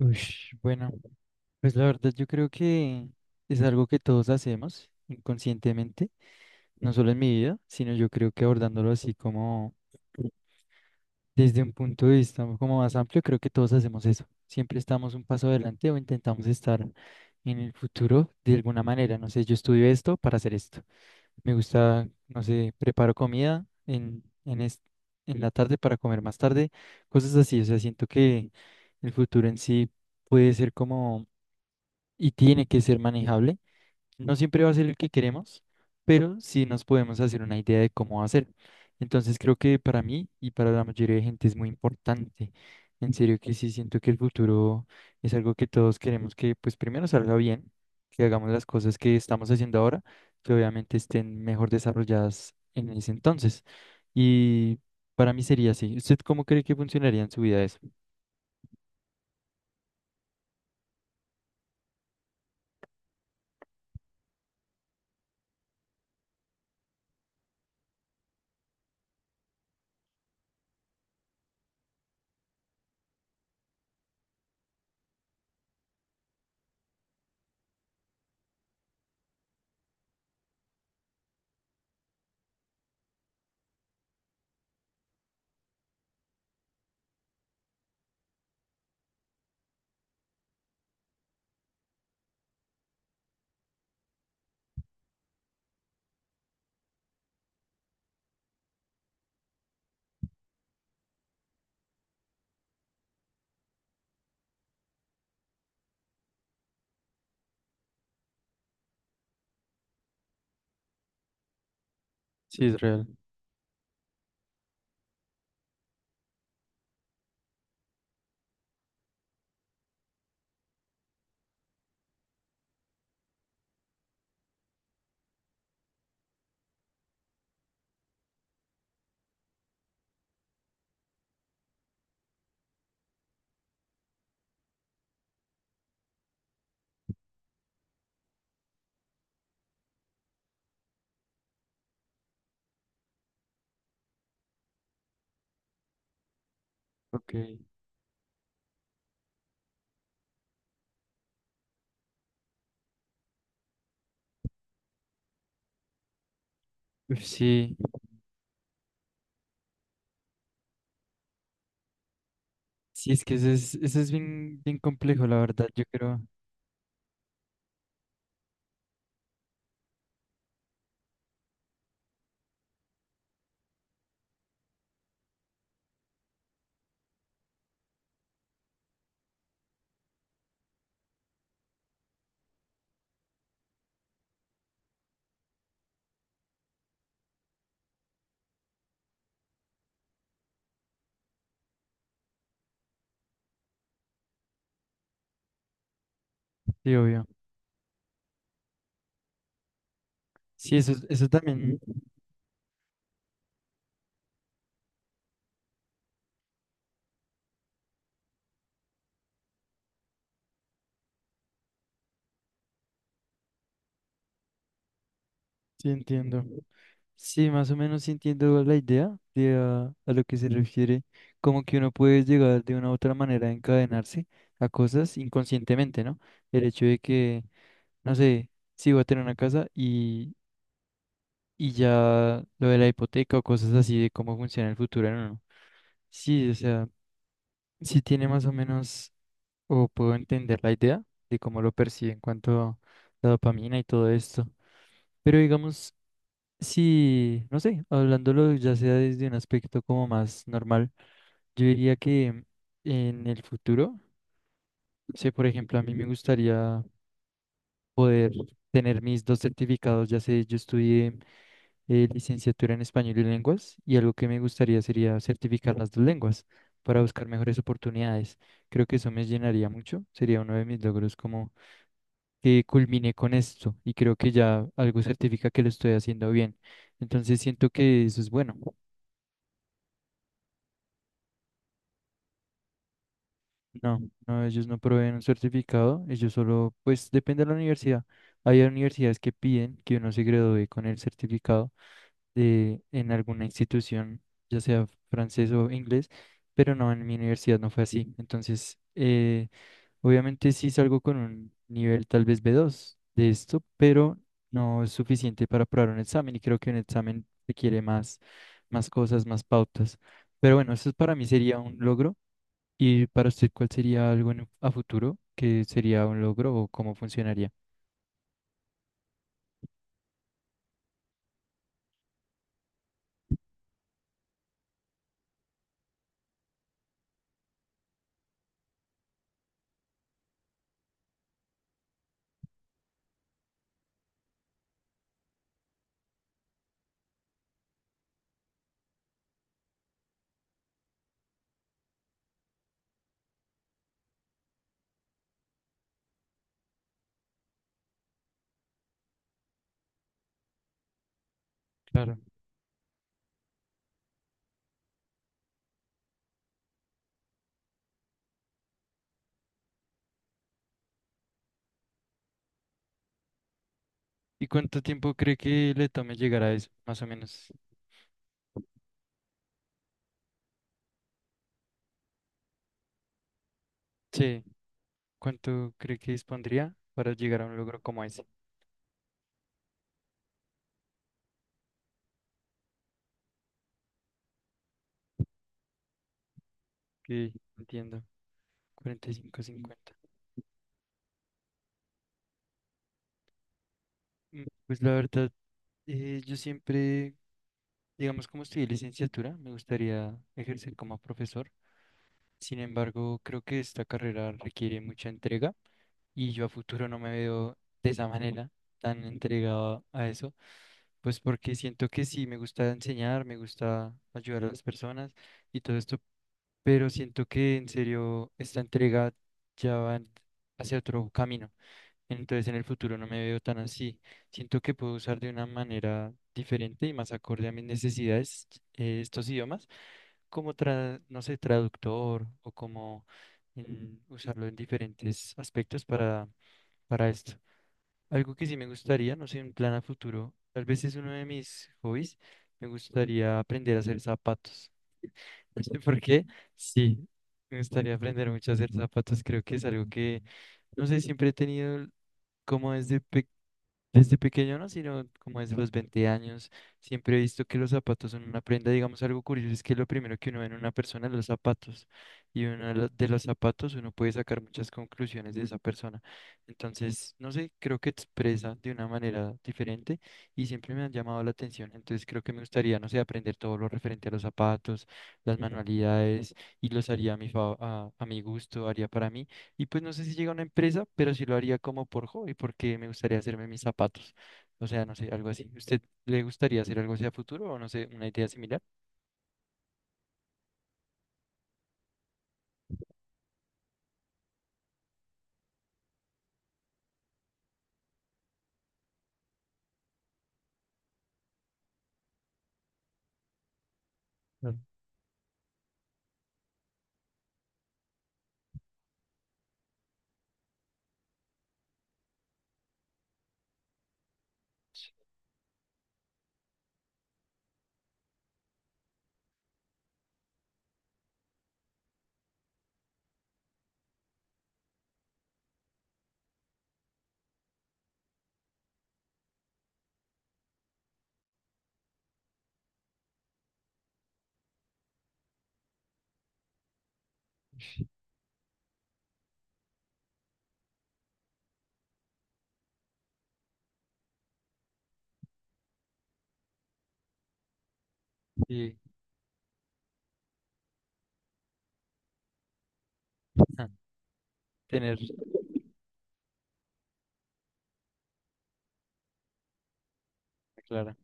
Ush, bueno, pues la verdad yo creo que es algo que todos hacemos inconscientemente, no solo en mi vida, sino yo creo que abordándolo así como desde un punto de vista como más amplio, creo que todos hacemos eso. Siempre estamos un paso adelante o intentamos estar en el futuro de alguna manera. No sé, yo estudio esto para hacer esto. Me gusta, no sé, preparo comida en la tarde para comer más tarde, cosas así. O sea, siento que el futuro en sí puede ser como y tiene que ser manejable. No siempre va a ser el que queremos, pero sí nos podemos hacer una idea de cómo va a ser. Entonces creo que para mí y para la mayoría de gente es muy importante. En serio que sí siento que el futuro es algo que todos queremos que pues primero salga bien, que hagamos las cosas que estamos haciendo ahora, que obviamente estén mejor desarrolladas en ese entonces. Y para mí sería así. ¿Usted cómo cree que funcionaría en su vida eso? Sí, es real. Ok. Uf, sí. Sí, es que eso es bien, bien complejo, la verdad, yo creo. Sí, obvio. Sí, eso, eso también, sí entiendo. Sí, más o menos sí entiendo la idea de a lo que se refiere, como que uno puede llegar de una u otra manera a encadenarse a cosas inconscientemente, ¿no? El hecho de que, no sé, si voy a tener una casa y ya lo de la hipoteca o cosas así de cómo funciona el futuro en uno. Sí, o sea, sí tiene más o menos o puedo entender la idea de cómo lo percibe en cuanto a la dopamina y todo esto. Pero digamos, si, no sé, hablándolo ya sea desde un aspecto como más normal, yo diría que en el futuro, no sé, por ejemplo, a mí me gustaría poder tener mis dos certificados, ya sé, yo estudié licenciatura en español y lenguas, y algo que me gustaría sería certificar las dos lenguas para buscar mejores oportunidades. Creo que eso me llenaría mucho, sería uno de mis logros como que culmine con esto y creo que ya algo certifica que lo estoy haciendo bien. Entonces siento que eso es bueno. No, no, ellos no proveen un certificado, ellos solo, pues depende de la universidad. Hay universidades que piden que uno se gradúe con el certificado de, en alguna institución, ya sea francés o inglés, pero no, en mi universidad no fue así. Entonces, obviamente sí salgo con un nivel tal vez B2 de esto, pero no es suficiente para aprobar un examen y creo que un examen requiere más, más cosas, más pautas. Pero bueno, eso para mí sería un logro. ¿Y para usted cuál sería algo a futuro que sería un logro o cómo funcionaría? Claro. ¿Y cuánto tiempo cree que le tome llegar a eso, más o menos? Sí, ¿cuánto cree que dispondría para llegar a un logro como ese? Que entiendo, 45, 50. Mm, pues la verdad. Yo siempre, digamos, como estudié licenciatura, me gustaría ejercer como profesor. Sin embargo, creo que esta carrera requiere mucha entrega y yo a futuro no me veo de esa manera tan entregado a eso, pues porque siento que sí, me gusta enseñar, me gusta ayudar a las personas y todo esto, pero siento que en serio esta entrega ya va hacia otro camino. Entonces en el futuro no me veo tan así. Siento que puedo usar de una manera diferente y más acorde a mis necesidades estos idiomas, como no sé, traductor o como en usarlo en diferentes aspectos para esto. Algo que sí me gustaría, no sé, un plan a futuro, tal vez es uno de mis hobbies, me gustaría aprender a hacer zapatos. No sé por qué, sí, me gustaría aprender mucho a hacer zapatos, creo que es algo que, no sé, siempre he tenido como desde pequeño, no, sino como desde los 20 años, siempre he visto que los zapatos son una prenda. Digamos, algo curioso es que lo primero que uno ve en una persona es los zapatos. Y uno de de los zapatos uno puede sacar muchas conclusiones de esa persona. Entonces, no sé, creo que expresa de una manera diferente y siempre me han llamado la atención. Entonces, creo que me gustaría, no sé, aprender todo lo referente a los zapatos, las manualidades y los haría a mi gusto, haría para mí. Y pues no sé si llega a una empresa, pero sí lo haría como por hobby, porque me gustaría hacerme mis zapatos. O sea, no sé, algo así. ¿Usted le gustaría hacer algo así a futuro o no sé, una idea similar? Claro, sí, ah, tener clara.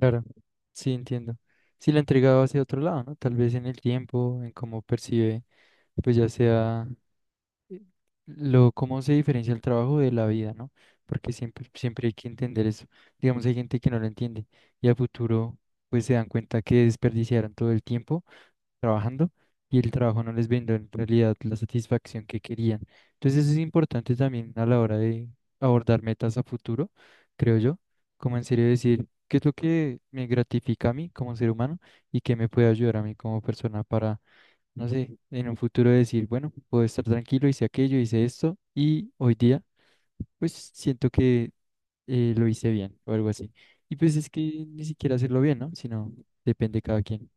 Claro, sí, entiendo. Si la entregaba hacia otro lado, ¿no? Tal vez en el tiempo, en cómo percibe, pues ya sea lo, cómo se diferencia el trabajo de la vida, ¿no? Porque siempre, siempre hay que entender eso. Digamos, hay gente que no lo entiende y a futuro pues se dan cuenta que desperdiciaron todo el tiempo trabajando y el trabajo no les brindó en realidad la satisfacción que querían. Entonces eso es importante también a la hora de abordar metas a futuro, creo yo, como en serio decir qué es lo que me gratifica a mí como ser humano y qué me puede ayudar a mí como persona, no sé, en un futuro decir, bueno, puedo estar tranquilo, hice aquello, hice esto y hoy día pues siento que lo hice bien o algo así. Y pues es que ni siquiera hacerlo bien, ¿no? Sino depende de cada quien.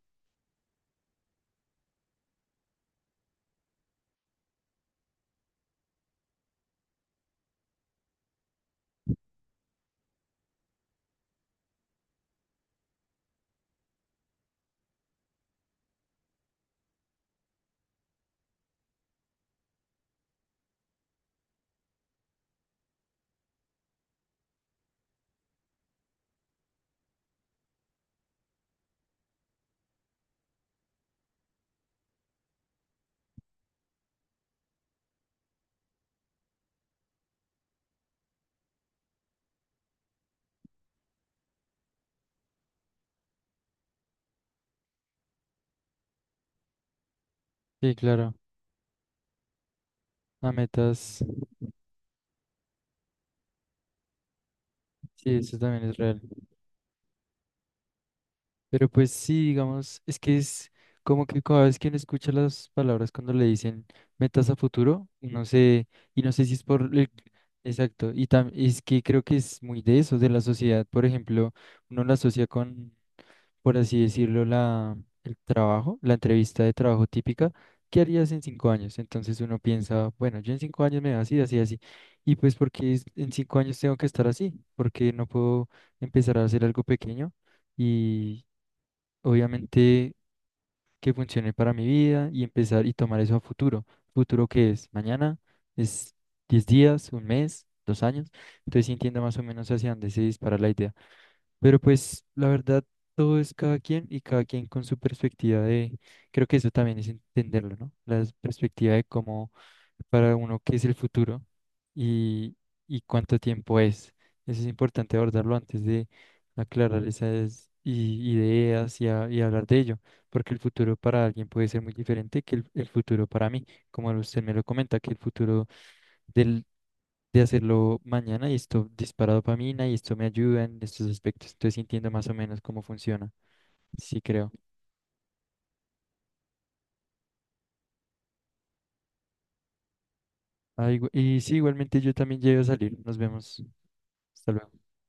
Sí, claro, a metas, sí, eso también es real. Pero pues sí, digamos, es que es como que cada vez que uno escucha las palabras cuando le dicen metas a futuro, no sé, y no sé si es por el... Exacto, y es que creo que es muy de eso, de la sociedad, por ejemplo uno la asocia con por así decirlo, el trabajo, la entrevista de trabajo típica, ¿qué harías en 5 años? Entonces uno piensa, bueno, yo en 5 años me veo así, así, así. Y pues porque en 5 años tengo que estar así, porque no puedo empezar a hacer algo pequeño y obviamente que funcione para mi vida y empezar y tomar eso a futuro. ¿Futuro que es? ¿Mañana? ¿Es 10 días? ¿Un mes? ¿2 años? Entonces sí entiendo más o menos hacia dónde se dispara la idea. Pero pues la verdad, todo es cada quien y cada quien con su perspectiva de, creo que eso también es entenderlo, ¿no? La perspectiva de cómo para uno qué es el futuro y, y cuánto tiempo es. Eso es importante abordarlo antes de aclarar esas ideas y, y hablar de ello, porque el futuro para alguien puede ser muy diferente que el futuro para mí, como usted me lo comenta, que el futuro de hacerlo mañana y esto dispara dopamina y esto me ayuda en estos aspectos. Estoy sintiendo más o menos cómo funciona. Sí, creo. Ah, y sí, igualmente yo también llego a salir. Nos vemos. Hasta luego.